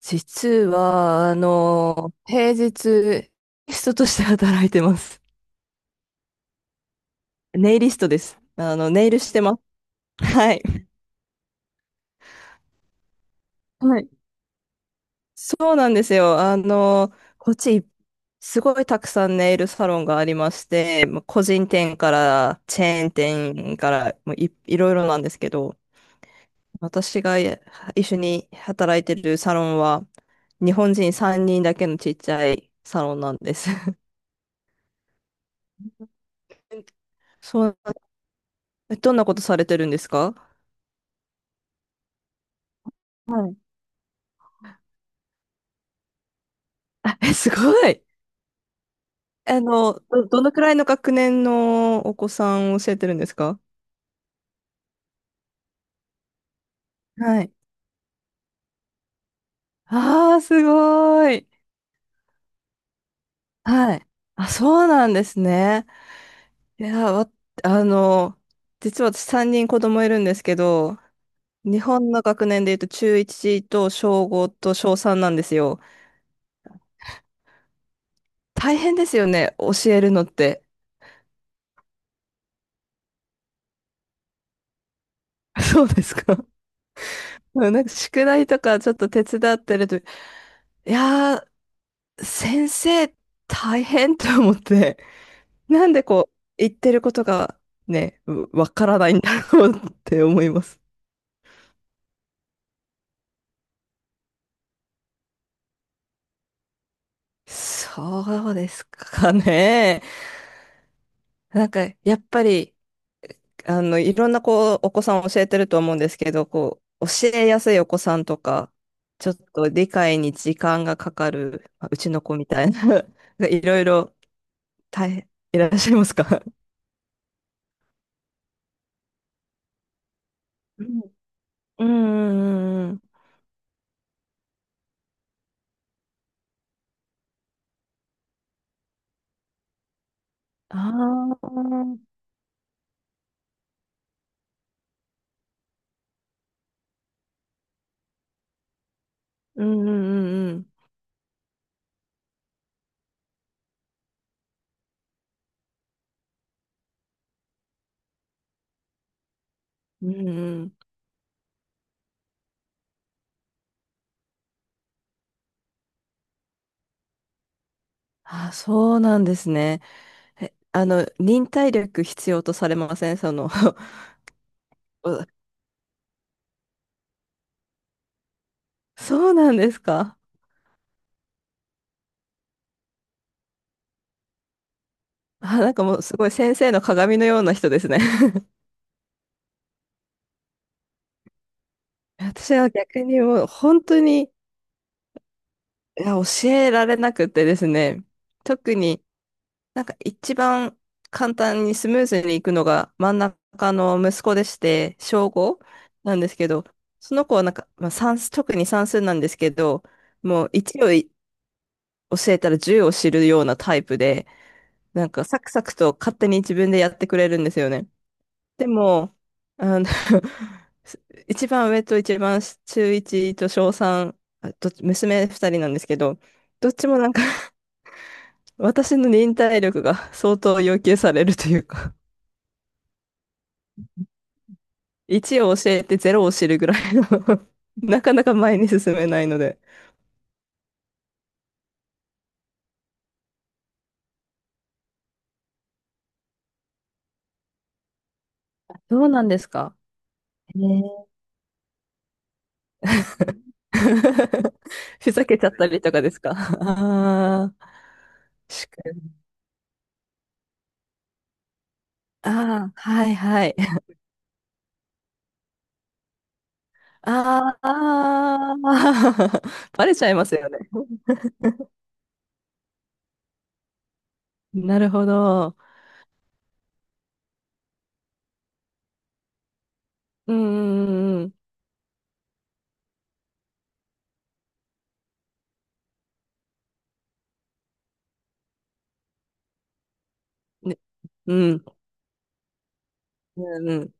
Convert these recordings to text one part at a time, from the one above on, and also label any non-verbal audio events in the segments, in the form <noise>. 実は、平日、リストとして働いてます。<laughs> ネイリストです。ネイルしてます。はい。はい。そうなんですよ。こっち、すごいたくさんネイルサロンがありまして、まあ個人店からチェーン店からもういろいろなんですけど、私が一緒に働いてるサロンは、日本人3人だけのちっちゃいサロンなんです。<laughs> そう。どんなことされてるんですか？はい。あ、え、すごい。どのくらいの学年のお子さんを教えてるんですか？はい。ああー、すごい。はい。あ、そうなんですね。いや、わ、あの、実は私3人子供いるんですけど、日本の学年で言うと中1と小5と小3なんですよ。大変ですよね、教えるのって。<laughs> そうですか。うん、なんか宿題とかちょっと手伝ってると、いやー、先生大変と思って、<laughs> なんでこう、言ってることがね、わからないんだろうって思います。そうですかね。なんか、やっぱり、いろんなこう、お子さんを教えてると思うんですけど、こう、教えやすいお子さんとか、ちょっと理解に時間がかかる、まあうちの子みたいな、<laughs> いろいろ大変、いらっしゃいますか？うん。うんうんうんうん。ああ。うんうんうんうん。うんうん。あ、そうなんですね。え、忍耐力必要とされませんその？ <laughs> おそうなんですか？あ、なんかもうすごい先生の鏡のような人ですね。 <laughs> 私は逆にもう本当に、いや、教えられなくてですね。特になんか一番簡単にスムーズにいくのが真ん中の息子でして、小5なんですけど、その子はなんか、まあ、算数、特に算数なんですけど、もう1を教えたら10を知るようなタイプで、なんかサクサクと勝手に自分でやってくれるんですよね。でも、あの <laughs> 一番上と一番中1と小3、あ、どっち娘2人なんですけど、どっちもなんか私の忍耐力が相当要求されるというか1を教えてゼロを知るぐらいの <laughs> なかなか前に進めないので。<laughs> そうなんですか。えー。 <laughs> ふざけちゃったりとかですか？ <laughs> ああ。<laughs> しかああ、はいはい。ああ、<laughs> バレちゃいますよね。<laughs> なるほど。うんうんうん。ね。うん。うんうん。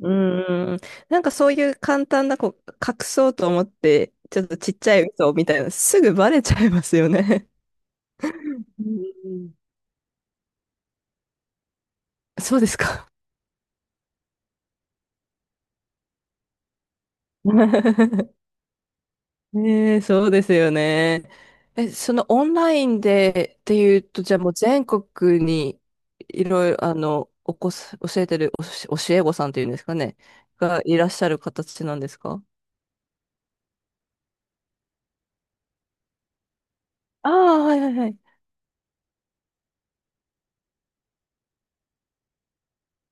うんうん。なんかそういう簡単なこう、隠そうと思って、ちょっとちっちゃい嘘みたいな、すぐバレちゃいますよね。うん。そうですか。<laughs> ねえ、そうですよね。え、そのオンラインでっていうと、じゃあもう全国にいろいろ、あの、おこす、教えてる教え子さんっていうんですかね、がいらっしゃる形なんですか？ああ、はいはいはい。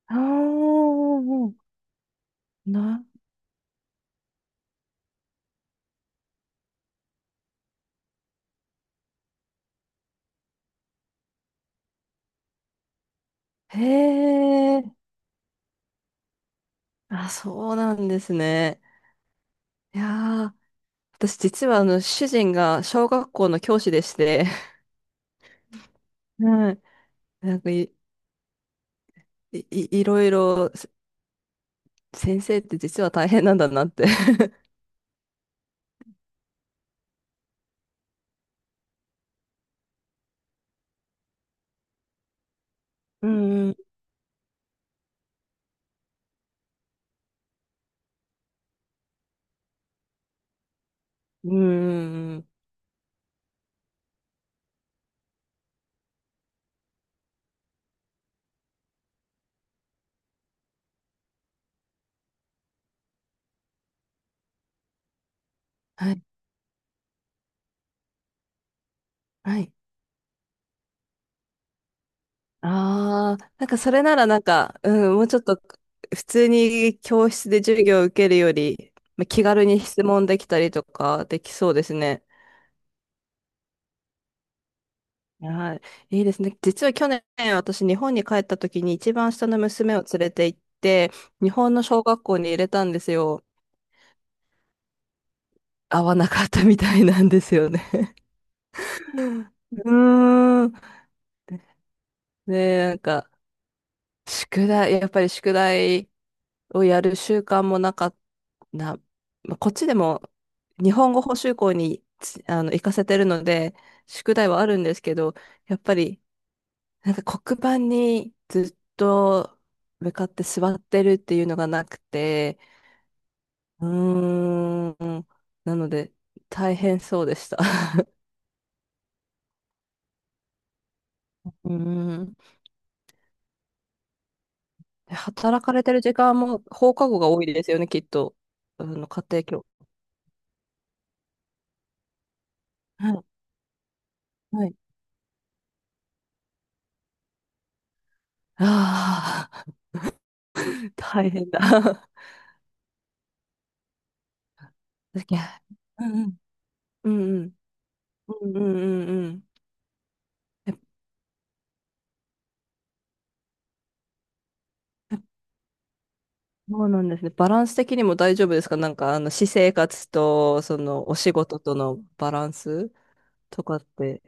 ああ、な、へえ、あ、そうなんですね。いやー、私実は主人が小学校の教師でして、<laughs> はい。<laughs> なんかいろいろ先生って実は大変なんだなって。 <laughs> うん、うん、うん。はい、はい。ああ、なんかそれならなんか、うん、もうちょっと普通に教室で授業を受けるより、まあ気軽に質問できたりとかできそうですね。はい、いいですね。実は去年私日本に帰った時に一番下の娘を連れて行って、日本の小学校に入れたんですよ。合わなかったみたいなんですよね。<laughs> うーん。<laughs> ね。なんか、宿題、やっぱり宿題をやる習慣もなかったな。まあこっちでも日本語補習校につあの行かせてるので、宿題はあるんですけど、やっぱりなんか黒板にずっと向かって座ってるっていうのがなくて、うーん、なので大変そうでした。<laughs> うーん。<laughs> で働かれてる時間も放課後が多いですよね、きっと。あの家庭教。はい。はい。ああ。大変だ。<laughs> だけうんうんうん。うんうんうんうん。やっぱ、そうなんですね。バランス的にも大丈夫ですか？なんか、私生活と、その、お仕事とのバランスとかって。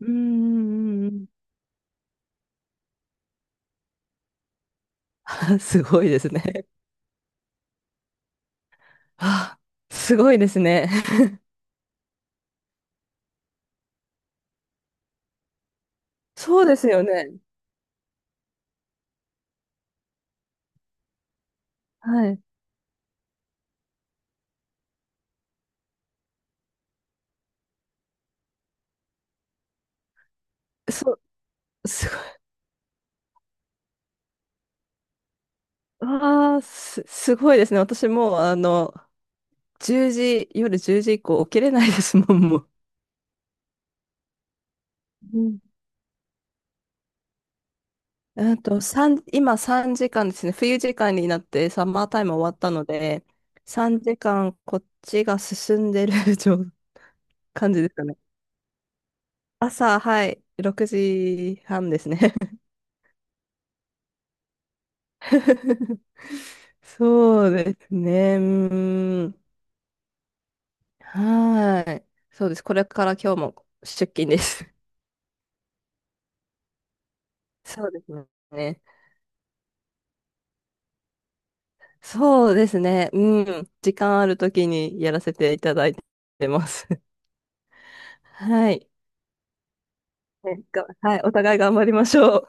うんうんうんうん。<laughs> あ、すごいですね。あ、すごいですね。そうですよね。はい。そう、すごい。ああ、すごいですね。私もう、1時、夜10時以降起きれないですもん、もう。今3時間ですね。冬時間になってサマータイム終わったので、3時間こっちが進んでる <laughs> 感じですかね。朝、はい、6時半ですね。<laughs> そうですね。うーん。はい。そうです。これから今日も出勤です。<laughs> そうですね。そうですね。うん。時間あるときにやらせていただいてます。<laughs> はい。はい。お互い頑張りましょう。